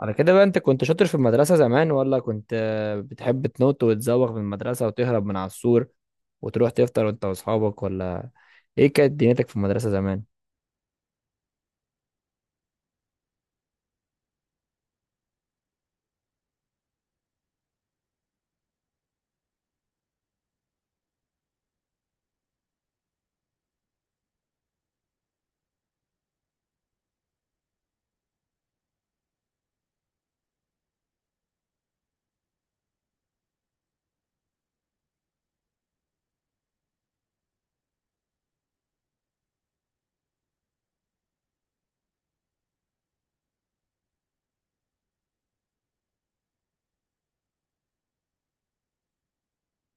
على كده بقى انت كنت شاطر في المدرسة زمان، ولا كنت بتحب تنط وتزوغ من المدرسة وتهرب من على السور وتروح تفطر وانت واصحابك، ولا ايه كانت دنيتك في المدرسة زمان؟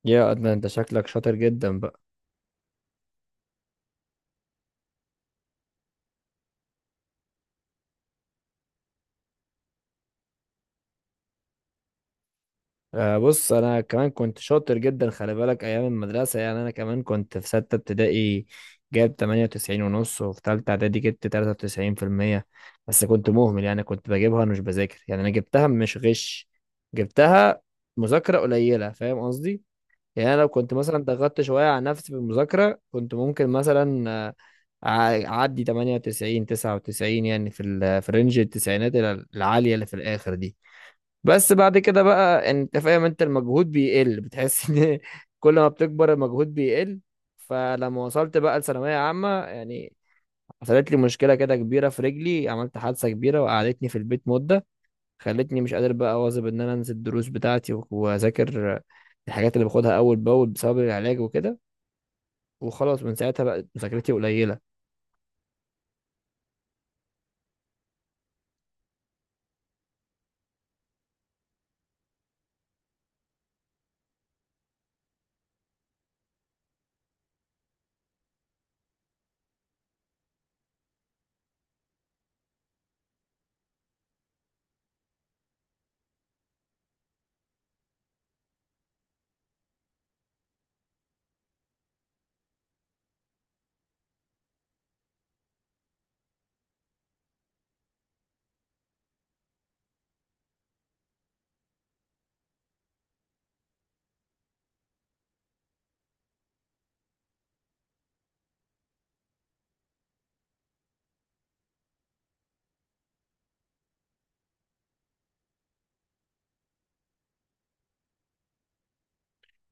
يا أدنى، انت شكلك شاطر جدا بقى. آه، بص انا كمان كنت شاطر جدا، خلي بالك ايام المدرسة. يعني انا كمان كنت في ستة ابتدائي جاب 98 ونص، وفي تالتة اعدادي جبت 93%. بس كنت مهمل، يعني كنت بجيبها وانا مش بذاكر. يعني انا جبتها مش غش، جبتها مذاكرة قليلة، فاهم قصدي؟ يعني انا لو كنت مثلا ضغطت شويه على نفسي في المذاكره، كنت ممكن مثلا اعدي 98 99، يعني في في رينج التسعينات العاليه اللي في الاخر دي. بس بعد كده بقى انت فاهم، انت المجهود بيقل، بتحس ان كل ما بتكبر المجهود بيقل. فلما وصلت بقى لثانويه عامه، يعني حصلت لي مشكله كده كبيره في رجلي، عملت حادثه كبيره وقعدتني في البيت مده، خلتني مش قادر بقى اواظب ان انا انزل الدروس بتاعتي واذاكر الحاجات اللي باخدها اول باول بسبب العلاج وكده. وخلاص، من ساعتها بقت مذاكرتي قليله.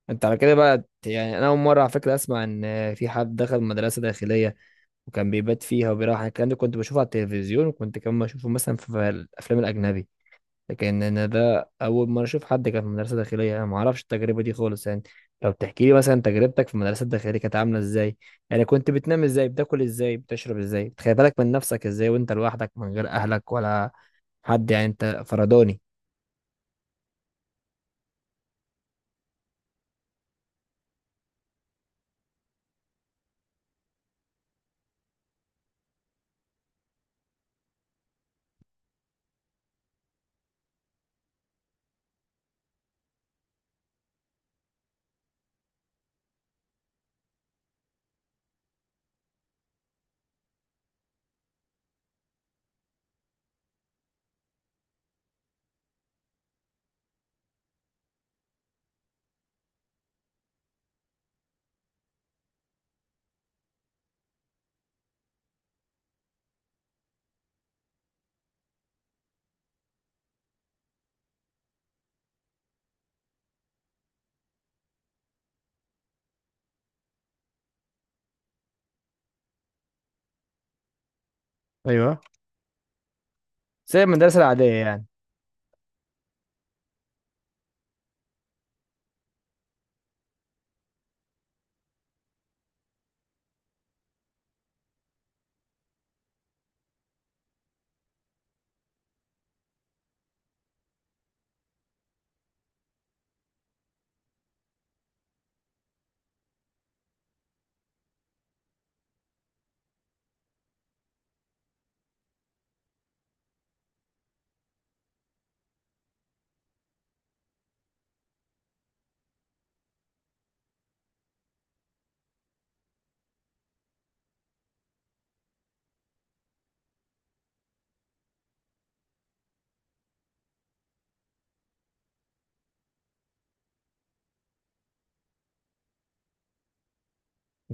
انت على كده بقى، يعني انا اول مره على فكره اسمع ان في حد دخل مدرسه داخليه وكان بيبات فيها وبيروح. الكلام ده كنت بشوفه على التلفزيون وكنت كمان بشوفه مثلا في الافلام الاجنبي، لكن انا ده اول مره اشوف حد كان في مدرسه داخليه. انا ما اعرفش التجربه دي خالص، يعني لو تحكي لي مثلا تجربتك في المدرسه الداخليه كانت عامله ازاي، يعني كنت بتنام ازاي، بتاكل ازاي، بتشرب ازاي، بتخلي بالك من نفسك ازاي وانت لوحدك من غير اهلك ولا حد، يعني انت فرداني؟ ايوه. زي المدرسه العاديه يعني؟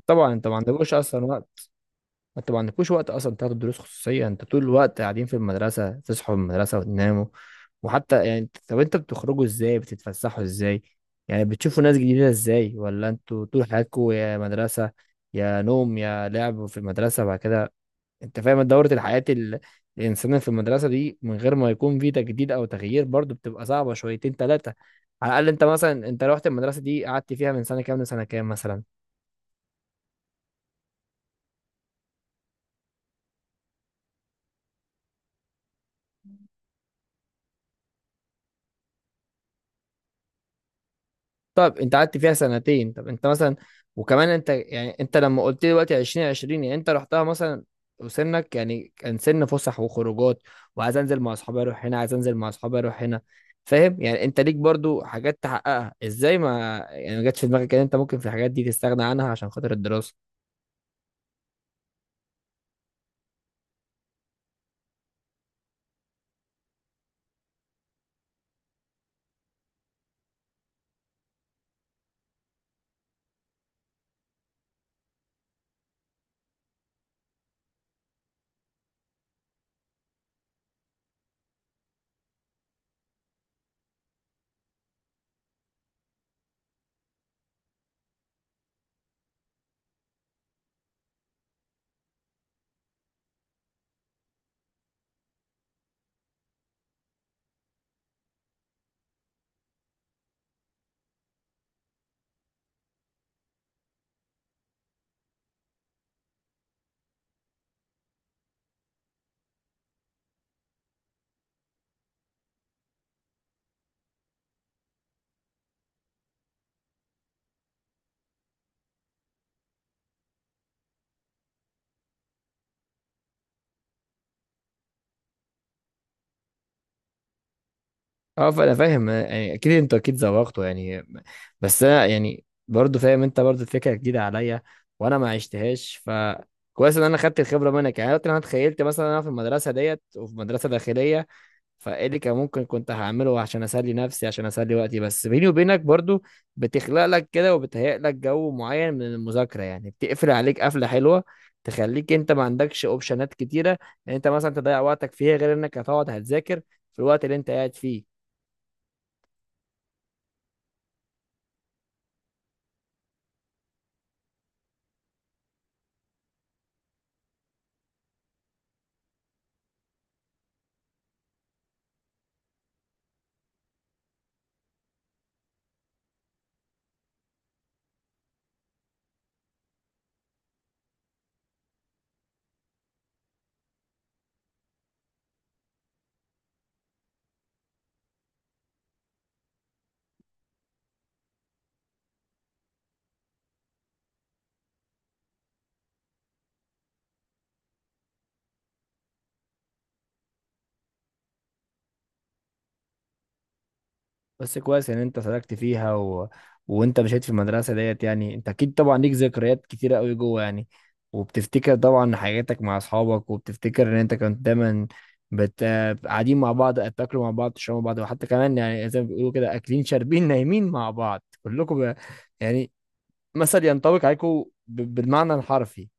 طبعا انت ما عندكوش اصلا وقت. انت ما عندكوش وقت اصلا تاخدوا دروس خصوصيه، انت طول الوقت قاعدين في المدرسه، تصحوا من المدرسه وتناموا. وحتى يعني طب انت بتخرجوا ازاي، بتتفسحوا ازاي، يعني بتشوفوا ناس جديده ازاي، ولا انتوا طول حياتكم يا مدرسه يا نوم يا لعب في المدرسه بعد كده؟ انت فاهم دورة الحياه الانسان في المدرسه دي من غير ما يكون في تجديد او تغيير برضو بتبقى صعبه شويتين ثلاثه. على الاقل انت مثلا، انت رحت المدرسه دي قعدت فيها من سنه كام لسنه كام مثلا؟ طب انت قعدت فيها سنتين. طب انت مثلا، وكمان انت يعني، انت لما قلت لي دلوقتي 2020، يعني انت رحتها مثلا وسنك يعني كان سن فسح وخروجات، وعايز انزل مع اصحابي اروح هنا، عايز انزل مع اصحابي اروح هنا، فاهم؟ يعني انت ليك برضو حاجات تحققها ازاي؟ ما يعني ما جاتش في دماغك ان انت ممكن في الحاجات دي تستغنى عنها عشان خاطر الدراسة؟ اه، فانا فاهم. يعني اكيد انت اكيد زوغته يعني. بس انا يعني برضه فاهم، انت برضه الفكره جديده عليا وانا ما عشتهاش، فكويس ان انا خدت الخبره منك. يعني دلوقتي انا اتخيلت مثلا انا في المدرسه ديت وفي مدرسه داخليه، فايه اللي كان ممكن كنت هعمله عشان اسلي نفسي، عشان اسلي وقتي؟ بس بيني وبينك برضه بتخلق لك كده وبتهيئ لك جو معين من المذاكره، يعني بتقفل عليك قفله حلوه تخليك انت ما عندكش اوبشنات كتيره ان انت مثلا تضيع وقتك فيها، غير انك هتقعد هتذاكر في الوقت اللي انت قاعد فيه. بس كويس ان انت سلكت فيها وانت مشيت في المدرسه ديت، يعني انت اكيد طبعا ليك ذكريات كتيره قوي جوه يعني، وبتفتكر طبعا حاجاتك مع اصحابك، وبتفتكر ان انت كنت دايما بت... قاعدين مع بعض، بتاكلوا مع بعض، تشربوا مع بعض، وحتى كمان يعني زي ما بيقولوا كده اكلين شاربين نايمين مع بعض كلكم، يعني مثل ينطبق عليكم بالمعنى الحرفي.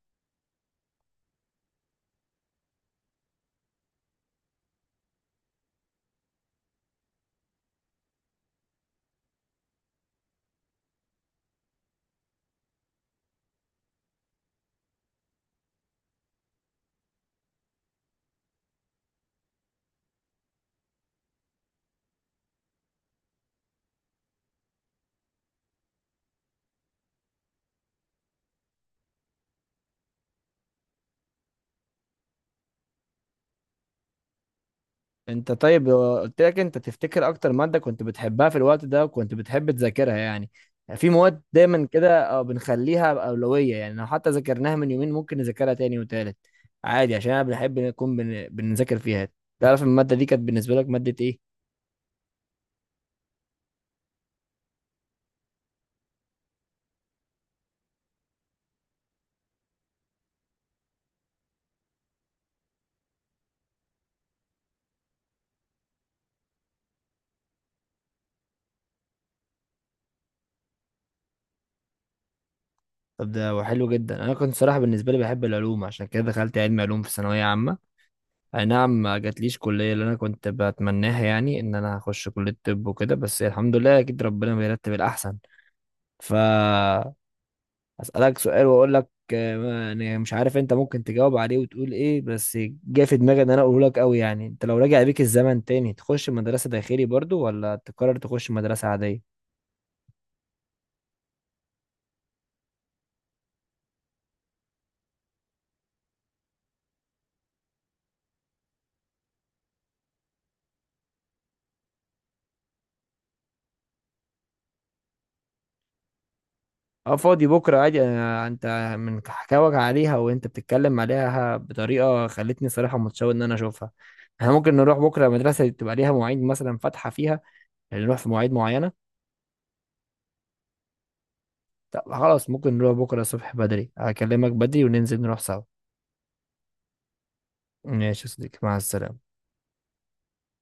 انت طيب لو قلت لك، انت تفتكر اكتر مادة كنت بتحبها في الوقت ده وكنت بتحب تذاكرها؟ يعني في مواد دايما كده بنخليها أولوية. يعني لو حتى ذاكرناها من يومين ممكن نذاكرها تاني وتالت عادي، عشان انا بنحب نكون بنذاكر فيها. تعرف المادة دي كانت بالنسبة لك مادة ايه؟ طب ده حلو جدا. انا كنت صراحة بالنسبة لي بحب العلوم، عشان كده دخلت علم علوم في ثانوية عامة. اي نعم، ما جاتليش كلية اللي انا كنت بتمناها، يعني ان انا هخش كلية طب وكده، بس الحمد لله، اكيد ربنا بيرتب الاحسن. ف اسالك سؤال واقول لك، يعني مش عارف انت ممكن تجاوب عليه وتقول ايه، بس جه في دماغي ان انا اقوله لك قوي. يعني انت لو رجع بيك الزمن تاني، تخش مدرسة داخلي برضو، ولا تقرر تخش مدرسة عادية؟ اه، فاضي بكرة عادي أنا. انت من حكاوك عليها وانت بتتكلم عليها بطريقة خلتني صراحة متشوق ان انا اشوفها. احنا ممكن نروح بكرة، مدرسة تبقى ليها مواعيد مثلا فاتحة فيها؟ يعني نروح في مواعيد معينة؟ طب خلاص، ممكن نروح بكرة الصبح بدري، هكلمك بدري وننزل نروح سوا. ماشي يا صديقي، مع السلامة.